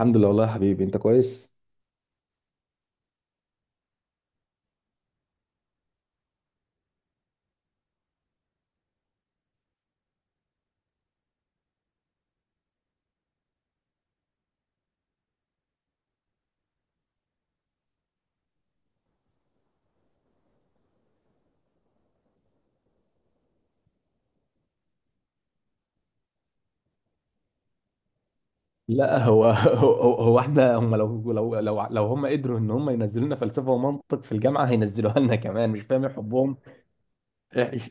الحمد لله والله يا حبيبي، انت كويس. لا هو هو, هو احنا هم لو هم قدروا ان هم ينزلوا لنا فلسفه ومنطق في الجامعه هينزلوها لنا كمان، مش فاهم ايه حبهم. إيه،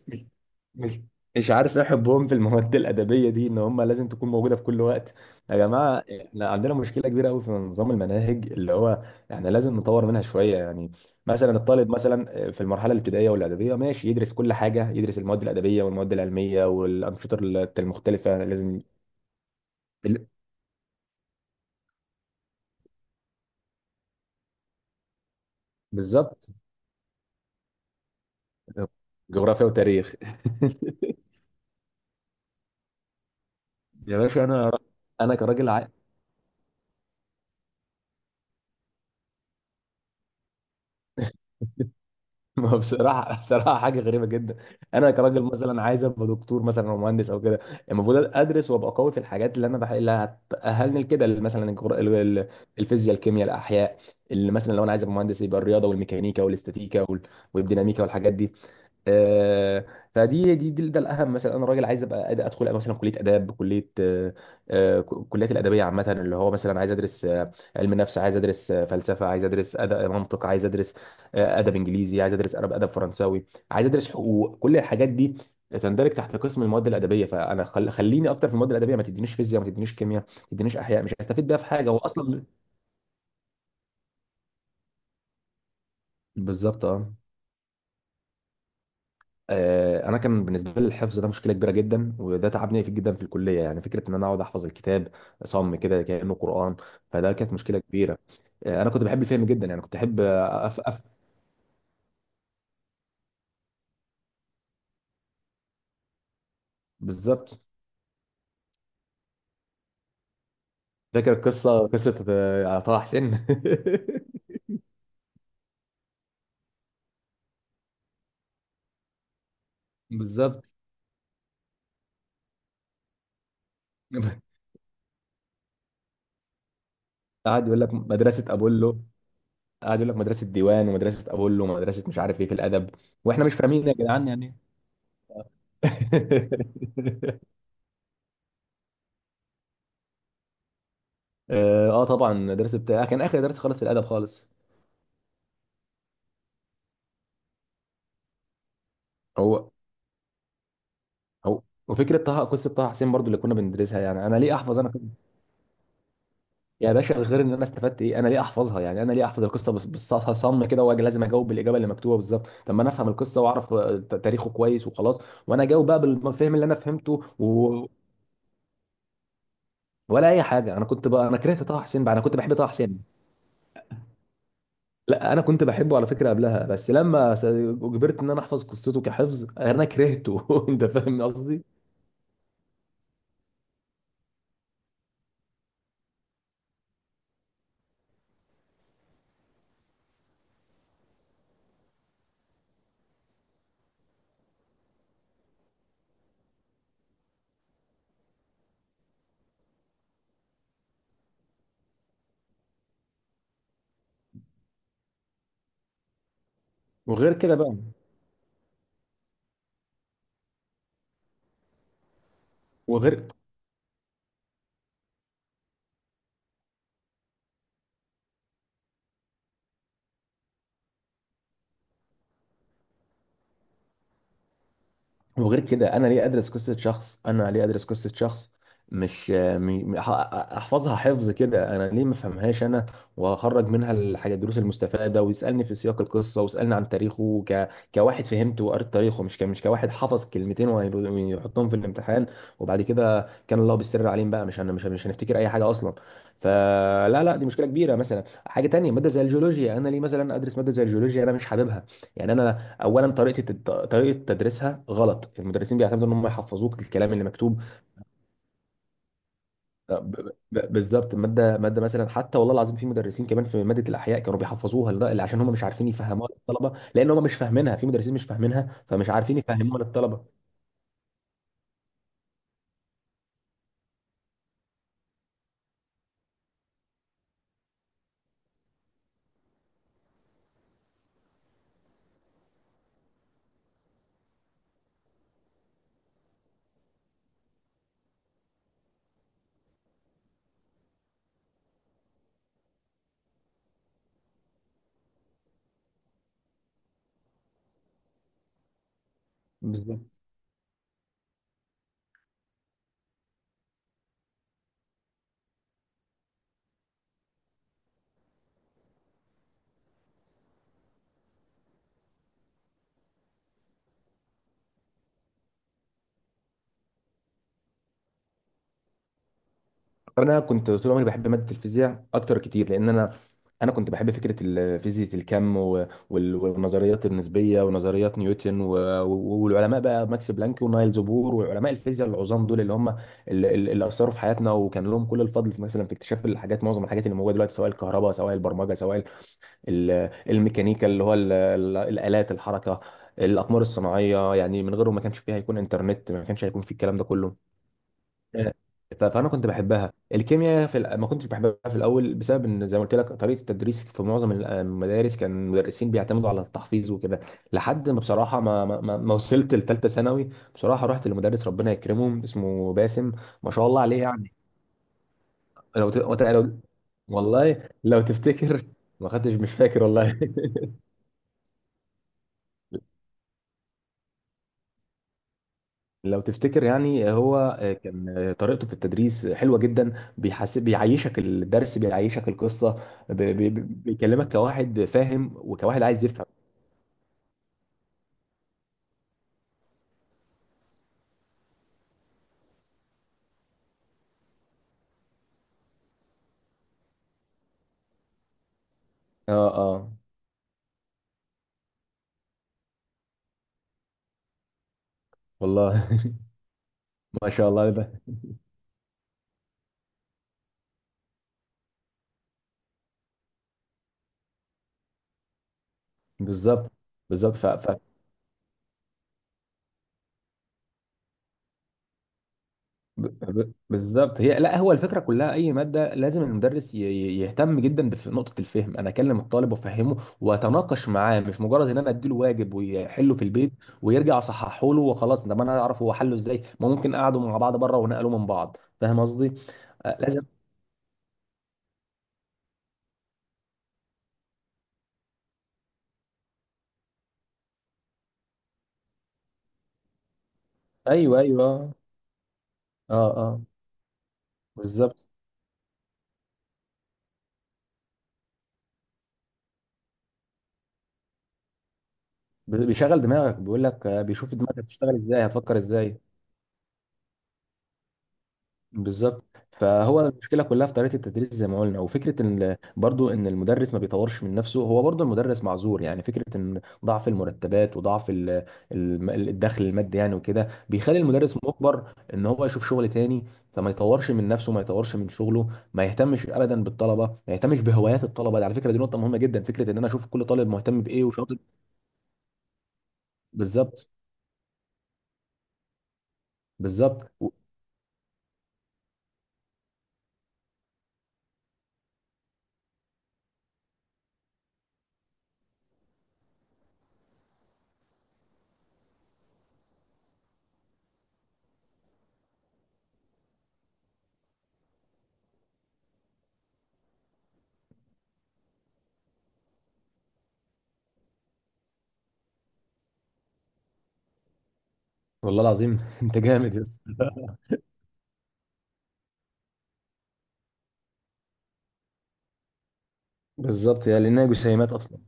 مش مش عارف ايه حبهم في المواد الادبيه دي ان هم لازم تكون موجوده في كل وقت. يا جماعه، احنا عندنا مشكله كبيره قوي في نظام المناهج، اللي هو احنا لازم نطور منها شويه يعني. مثلا الطالب مثلا في المرحله الابتدائيه والاعداديه، ماشي يدرس كل حاجه، يدرس المواد الادبيه والمواد العلميه والانشطه المختلفه لازم. بالظبط، جغرافيا وتاريخ. يا باشا، انا كراجل عا... ما هو بصراحه بصراحه حاجه غريبه جدا. انا كراجل مثلا عايز ابقى دكتور مثلا او مهندس او كده، المفروض ادرس وابقى قوي في الحاجات اللي هتاهلني لكده، اللي مثلا الفيزياء، الكيمياء، الاحياء. اللي مثلا لو انا عايز ابقى مهندس، يبقى الرياضه والميكانيكا والاستاتيكا والديناميكا والحاجات دي. آه، فدي دي, دي ده الاهم. مثلا انا راجل عايز ابقى ادخل مثلا كليه اداب، كليه كليات الادبيه عامه، اللي هو مثلا عايز ادرس علم نفس، عايز ادرس فلسفه، عايز ادرس أدب، منطق، عايز ادرس ادب انجليزي، عايز ادرس ادب، فرنساوي، عايز ادرس حقوق. كل الحاجات دي تندرج تحت قسم المواد الادبيه، فانا خليني اكتر في المواد الادبيه، ما تدينيش فيزياء، ما تدينيش كيمياء، ما تدينيش احياء، مش هستفيد بيها في حاجه هو اصلا. بالظبط، اه. انا كان بالنسبه لي الحفظ ده مشكله كبيره جدا، وده تعبني في جدا في الكليه يعني، فكره ان انا اقعد احفظ الكتاب صم كده كانه قران. فده كانت مشكله كبيره. انا كنت بحب الفهم جدا، يعني كنت احب بالظبط. فاكر القصه، قصه طه حسين. بالظبط، قعد يقول لك مدرسه ابولو، قعد يقول لك مدرسه ديوان ومدرسه ابولو ومدرسه مش عارف ايه في الادب، واحنا مش فاهمين يا جدعان يعني. اه، طبعا درس بتاع كان اخر درس خالص في الادب خالص. هو، وفكره طه، قصه طه حسين برضو اللي كنا بندرسها يعني. انا ليه احفظ انا قصة- يا باشا، غير ان انا استفدت ايه، انا ليه احفظها يعني؟ انا ليه احفظ القصه بالصم كده، واجي لازم اجاوب بالاجابه اللي مكتوبه بالظبط؟ طب ما انا افهم القصه واعرف تاريخه كويس وخلاص، وانا اجاوب بقى بالفهم اللي انا فهمته. ولا اي حاجه. انا كنت بقى، انا كرهت طه حسين بقى، انا كنت بحب طه حسين. لا، انا كنت بحبه على فكره قبلها، بس لما اجبرت ان انا احفظ قصته كحفظ، انا كرهته. انت فاهم قصدي. وغير كده بقى، وغير وغير كده، انا ليه ادرس قصه شخص، انا ليه ادرس قصه شخص، مش م- م- ح- احفظها حفظ كده؟ انا ليه ما افهمهاش، انا واخرج منها الحاجه، الدروس المستفاده، ويسالني في سياق القصه، ويسالني عن تاريخه كواحد فهمت وقريت تاريخه، مش كواحد حفظ كلمتين ويحطهم في الامتحان، وبعد كده كان الله بالسر عليهم بقى، مش هنفتكر اي حاجه اصلا. فلا لا، دي مشكله كبيره. مثلا حاجه تانية، ماده زي الجيولوجيا، انا ليه مثلا ادرس ماده زي الجيولوجيا؟ انا مش حاببها يعني، انا اولا طريقه تدريسها غلط، المدرسين بيعتمدوا ان هم يحفظوك الكلام اللي مكتوب. آه، ب- بالظبط، ماده ماده مثلا، حتى والله العظيم في مدرسين كمان في ماده الاحياء كانوا بيحفظوها عشان هم مش عارفين يفهموها للطلبه، لان هم مش فاهمينها. في مدرسين مش فاهمينها، فمش عارفين يفهموها للطلبه. بالظبط. انا كنت طول عمري بحب ماده الفيزياء اكتر كتير، لان انا، انا كنت بحب فكره فيزياء الكم، والنظريات النسبيه ونظريات نيوتن والعلماء بقى، ماكس بلانك ونايلز بور وعلماء الفيزياء العظام دول، اللي هم اللي اثروا في حياتنا، وكان لهم كل الفضل في مثلا في اكتشاف الحاجات، معظم الحاجات اللي موجوده دلوقتي، سواء الكهرباء، سواء البرمجه، سواء ال- الميكانيكا اللي هو الالات الحركه، الاقمار الصناعيه يعني. من غيرهم ما كانش فيه، هيكون انترنت، ما كانش هيكون في الكلام ده كله. آه، فانا كنت بحبها. الكيمياء ما كنتش بحبها في الاول، بسبب ان زي ما قلت لك طريقه التدريس في معظم المدارس كان المدرسين بيعتمدوا على التحفيظ وكده، لحد ما بصراحه، ما وصلت لثالثه ثانوي بصراحه، رحت لمدرس ربنا يكرمه اسمه باسم، ما شاء الله عليه يعني. لو، والله لو تفتكر، ما خدتش، مش فاكر والله. لو تفتكر يعني، هو كان طريقته في التدريس حلوة جدا، بيحس بيعيشك الدرس، بيعيشك القصة، بيكلمك كواحد فاهم وكواحد عايز يفهم. اه، اه، والله. ما شاء الله ده، بالظبط، بالظبط. بالظبط، هي لا، هو الفكره كلها اي ماده لازم المدرس يهتم جدا نقطه الفهم، انا اكلم الطالب وافهمه واتناقش معاه، مش مجرد ان انا اديله واجب ويحله في البيت ويرجع صححه له وخلاص. طب انا اعرف هو حله ازاي؟ ما ممكن قعدوا مع بعض بره ونقلوا من بعض، فاهم قصدي؟ لازم. ايوه، ايوه، اه، اه، بالظبط، بيشغل دماغك، بيقول لك بيشوف دماغك بتشتغل ازاي، هتفكر ازاي. بالظبط. فهو المشكله كلها في طريقه التدريس زي ما قلنا، وفكره ان برضو ان المدرس ما بيطورش من نفسه. هو برضو المدرس معذور يعني، فكره ان ضعف المرتبات وضعف الدخل المادي يعني وكده بيخلي المدرس مجبر ان هو يشوف شغل تاني، فما يطورش من نفسه، ما يطورش من شغله، ما يهتمش ابدا بالطلبه، ما يهتمش بهوايات الطلبه. دي على فكره دي نقطه مهمه جدا، فكره ان انا اشوف كل طالب مهتم بايه وشاطر. بالظبط، بالظبط. والله العظيم. انت جامد يا اسطى. بالظبط، يا لانها جسيمات اصلا.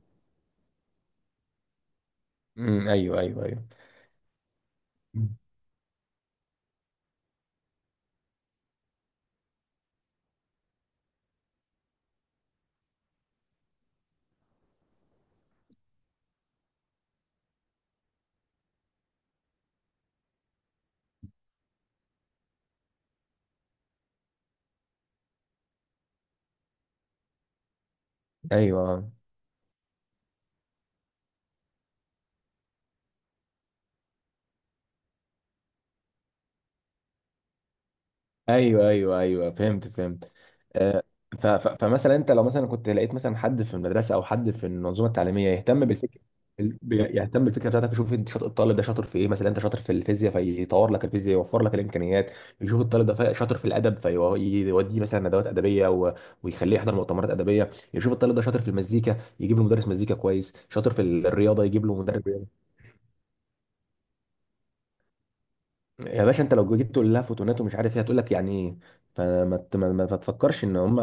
امم، ايوه، ايوه، ايوه، ايوه، ايوه، ايوه، ايوه، فهمت فهمت. آه، فمثلا انت لو مثلا كنت لقيت مثلا حد في المدرسه او حد في المنظومه التعليميه يهتم بالفكره، يهتم بالفكره بتاعتك، يشوف انت شاطر. الطالب ده شاطر في ايه؟ مثلا انت شاطر في الفيزياء، فيطور لك الفيزياء، يوفر لك الامكانيات. يشوف الطالب ده شاطر في الادب، فيوديه مثلا ندوات ادبيه ويخليه يحضر مؤتمرات ادبيه. يشوف الطالب ده شاطر في المزيكا، يجيب له مدرس مزيكا كويس. شاطر في الرياضه، يجيب له مدرب. يا باشا انت لو جيت تقول لها فوتونات ومش عارف ايه، هتقول لك يعني ايه؟ فما ت- ما ما تفكرش ان هم.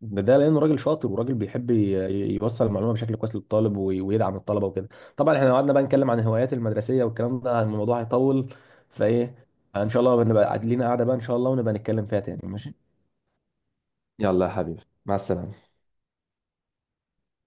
ده لانه راجل شاطر وراجل بيحب يوصل المعلومه بشكل كويس للطالب ويدعم الطلبه وكده. طبعا احنا لو قعدنا بقى نتكلم عن الهوايات المدرسيه والكلام ده الموضوع هيطول. فايه، ان شاء الله نبقى لينا قاعده بقى ان شاء الله ونبقى نتكلم فيها تاني ماشي. يلا يا حبيبي، مع السلامه.